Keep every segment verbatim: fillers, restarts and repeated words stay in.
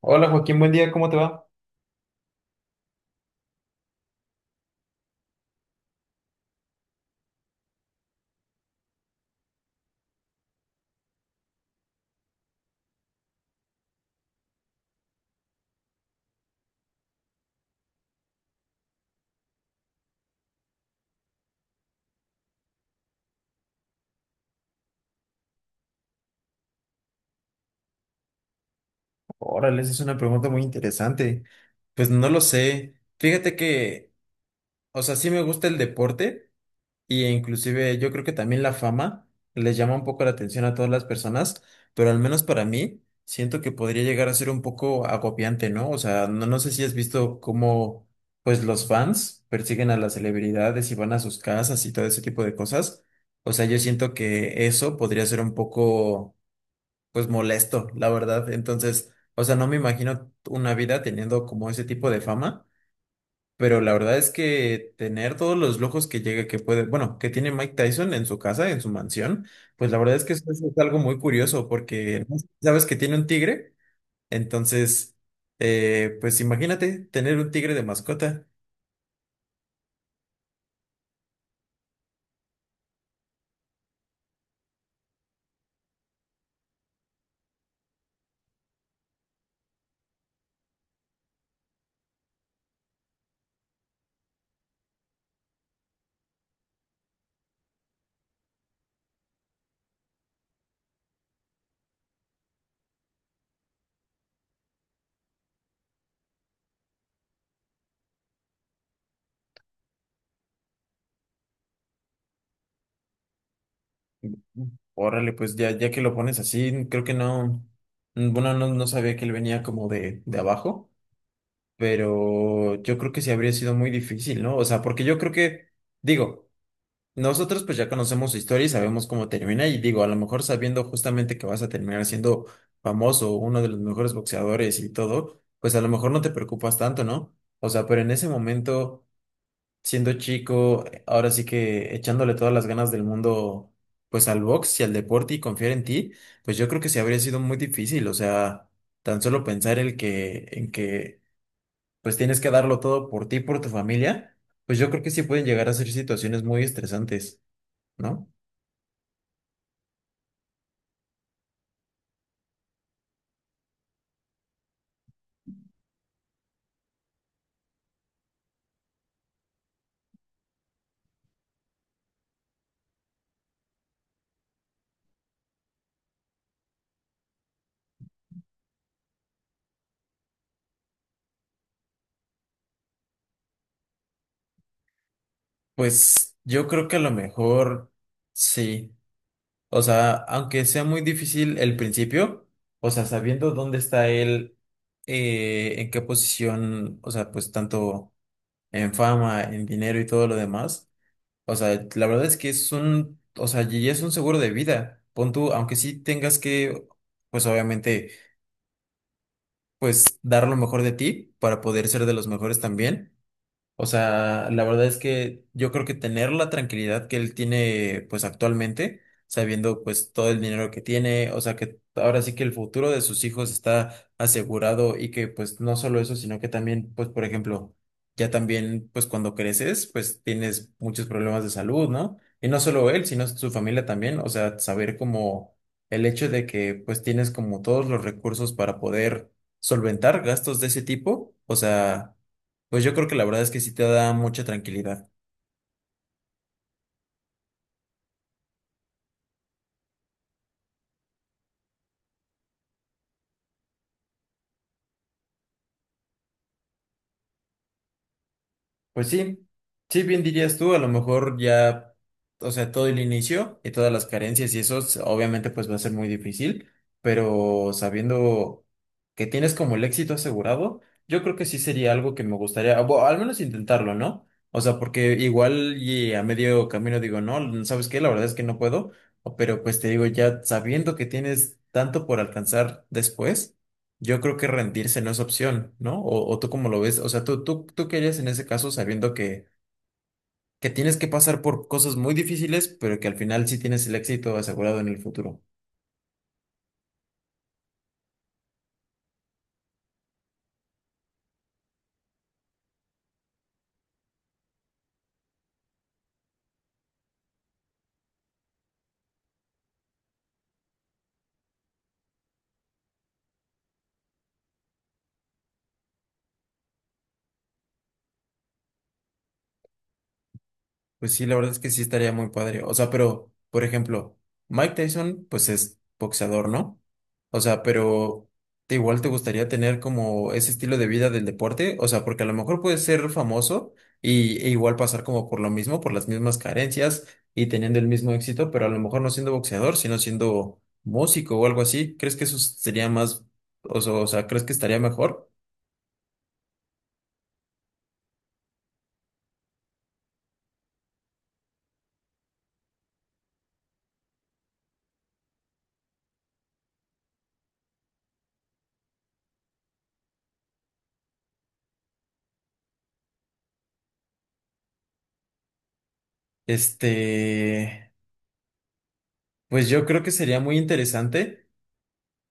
Hola Joaquín, buen día, ¿cómo te va? Órale, esa es una pregunta muy interesante. Pues no lo sé. Fíjate que, o sea, sí me gusta el deporte y e inclusive yo creo que también la fama les llama un poco la atención a todas las personas, pero al menos para mí siento que podría llegar a ser un poco agobiante, ¿no? O sea, no, no sé si has visto cómo pues los fans persiguen a las celebridades y van a sus casas y todo ese tipo de cosas. O sea, yo siento que eso podría ser un poco pues molesto, la verdad. Entonces, o sea, no me imagino una vida teniendo como ese tipo de fama, pero la verdad es que tener todos los lujos que llega, que puede, bueno, que tiene Mike Tyson en su casa, en su mansión, pues la verdad es que eso es algo muy curioso porque, ¿no? Sabes que tiene un tigre, entonces, eh, pues imagínate tener un tigre de mascota. Órale, pues ya, ya que lo pones así, creo que no. Mm, bueno, no, no sabía que él venía como de, de abajo. Pero yo creo que sí habría sido muy difícil, ¿no? O sea, porque yo creo que, digo, nosotros pues ya conocemos su historia y sabemos cómo termina y digo, a lo mejor sabiendo justamente que vas a terminar siendo famoso, uno de los mejores boxeadores y todo, pues a lo mejor no te preocupas tanto, ¿no? O sea, pero en ese momento, siendo chico, ahora sí que echándole todas las ganas del mundo, pues al box y al deporte y confiar en ti, pues yo creo que sí habría sido muy difícil, o sea, tan solo pensar el que, en que pues tienes que darlo todo por ti, por tu familia, pues yo creo que sí pueden llegar a ser situaciones muy estresantes, ¿no? Pues yo creo que a lo mejor sí. O sea, aunque sea muy difícil el principio, o sea, sabiendo dónde está él, eh, en qué posición, o sea, pues tanto en fama, en dinero y todo lo demás, o sea, la verdad es que es un, o sea, y es un seguro de vida. Pon tú, aunque sí tengas que, pues obviamente pues dar lo mejor de ti para poder ser de los mejores también. O sea, la verdad es que yo creo que tener la tranquilidad que él tiene pues actualmente, sabiendo pues todo el dinero que tiene, o sea que ahora sí que el futuro de sus hijos está asegurado y que pues no solo eso, sino que también pues por ejemplo, ya también pues cuando creces pues tienes muchos problemas de salud, ¿no? Y no solo él, sino su familia también, o sea, saber como el hecho de que pues tienes como todos los recursos para poder solventar gastos de ese tipo, o sea... Pues yo creo que la verdad es que sí te da mucha tranquilidad. Pues sí, sí, bien dirías tú, a lo mejor ya, o sea, todo el inicio y todas las carencias y eso, s- obviamente pues va a ser muy difícil, pero sabiendo que tienes como el éxito asegurado, yo creo que sí sería algo que me gustaría, o al menos intentarlo, ¿no? O sea, porque igual y a medio camino digo, no, ¿sabes qué? La verdad es que no puedo, o- pero pues te digo, ya sabiendo que tienes tanto por alcanzar después. Yo creo que rendirse no es opción, ¿no? O, o tú como lo ves, o sea, tú, tú, tú qué harías en ese caso sabiendo que, que tienes que pasar por cosas muy difíciles, pero que al final sí tienes el éxito asegurado en el futuro. Pues sí, la verdad es que sí estaría muy padre. O sea, pero, por ejemplo, Mike Tyson, pues es boxeador, ¿no? O sea, pero ¿te igual te gustaría tener como ese estilo de vida del deporte? O sea, porque a lo mejor puedes ser famoso y, e igual pasar como por lo mismo, por las mismas carencias y teniendo el mismo éxito, pero a lo mejor no siendo boxeador, sino siendo músico o algo así. ¿Crees que eso sería más, o sea, o sea, crees que estaría mejor? Este, pues yo creo que sería muy interesante.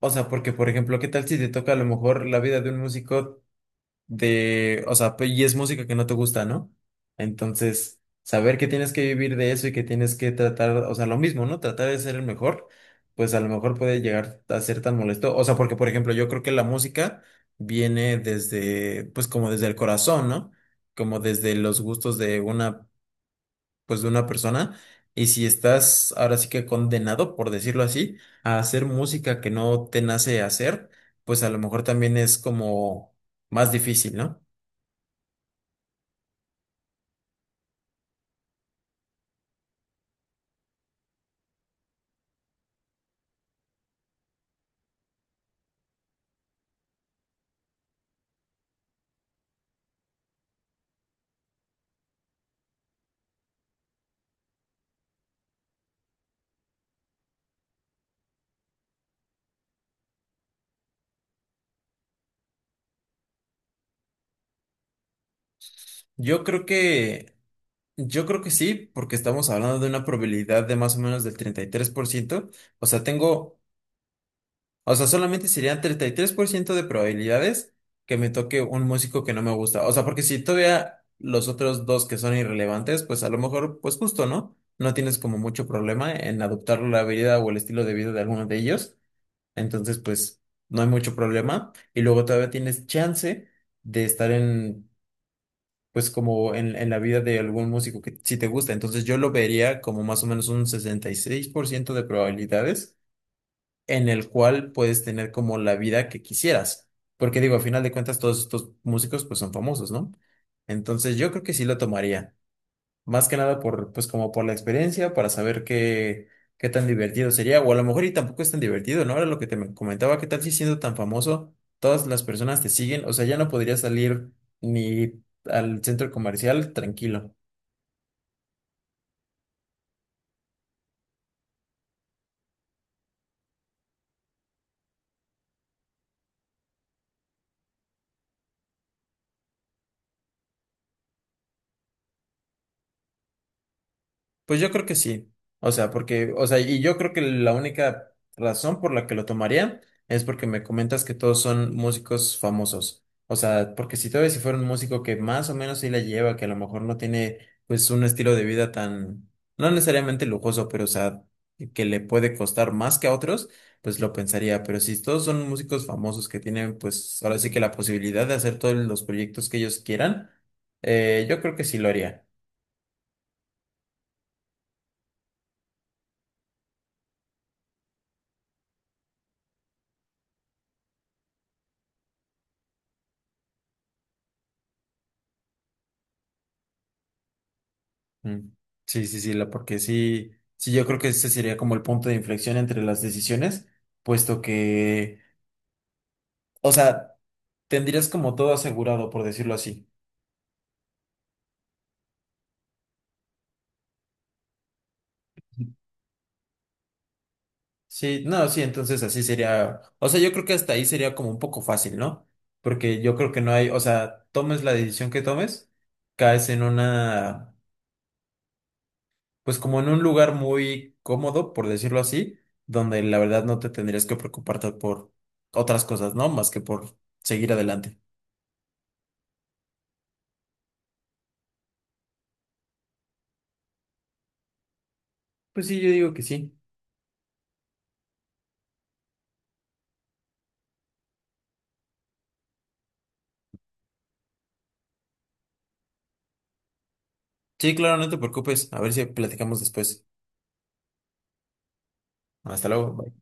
O sea, porque, por ejemplo, ¿qué tal si te toca a lo mejor la vida de un músico de, o sea, pe- y es música que no te gusta, ¿no? Entonces, saber que tienes que vivir de eso y que tienes que tratar, o sea, lo mismo, ¿no? Tratar de ser el mejor, pues a lo mejor puede llegar a ser tan molesto. O sea, porque, por ejemplo, yo creo que la música viene desde, pues como desde el corazón, ¿no? Como desde los gustos de una pues de una persona y si estás ahora sí que condenado, por decirlo así, a hacer música que no te nace hacer, pues a lo mejor también es como más difícil, ¿no? Yo creo que, yo creo que sí, porque estamos hablando de una probabilidad de más o menos del treinta y tres por ciento, o sea, tengo O sea, solamente serían treinta y tres por ciento de probabilidades que me toque un músico que no me gusta. O sea, porque si todavía los otros dos que son irrelevantes, pues a lo mejor, pues justo, ¿no? No tienes como mucho problema en adoptar la vida o el estilo de vida de alguno de ellos. Entonces, pues no hay mucho problema. Y luego todavía tienes chance de estar en, pues como en, en la vida de algún músico que sí te gusta. Entonces yo lo vería como más o menos un sesenta y seis por ciento de probabilidades en el cual puedes tener como la vida que quisieras. Porque digo, a final de cuentas, todos estos músicos pues son famosos, ¿no? Entonces yo creo que sí lo tomaría. Más que nada por, pues como por la experiencia, para saber qué, qué, tan divertido sería. O a lo mejor y tampoco es tan divertido, ¿no? Era lo que te me- comentaba, ¿qué tal si siendo tan famoso, todas las personas te siguen? O sea, ya no podrías salir ni al centro comercial tranquilo. Pues yo creo que sí. O sea, porque, o sea, y yo creo que la única razón por la que lo tomaría es porque me comentas que todos son músicos famosos. O sea, porque si todavía si fuera un músico que más o menos sí la lleva, que a lo mejor no tiene pues un estilo de vida tan, no necesariamente lujoso, pero o sea, que le puede costar más que a otros, pues lo pensaría. Pero si todos son músicos famosos que tienen pues ahora sí que la posibilidad de hacer todos los proyectos que ellos quieran, eh, yo creo que sí lo haría. Mm. Sí, sí, sí, la, porque sí, sí, yo creo que ese sería como el punto de inflexión entre las decisiones, puesto que, o sea, tendrías como todo asegurado, por decirlo así. Sí, no, sí, entonces así sería, o sea, yo creo que hasta ahí sería como un poco fácil, ¿no? Porque yo creo que no hay, o sea, tomes la decisión que tomes, caes en una, pues como en un lugar muy cómodo, por decirlo así, donde la verdad no te tendrías que preocuparte por otras cosas, ¿no? Más que por seguir adelante. Pues sí, yo digo que sí. Sí, claro, no te preocupes. A ver si platicamos después. Hasta luego.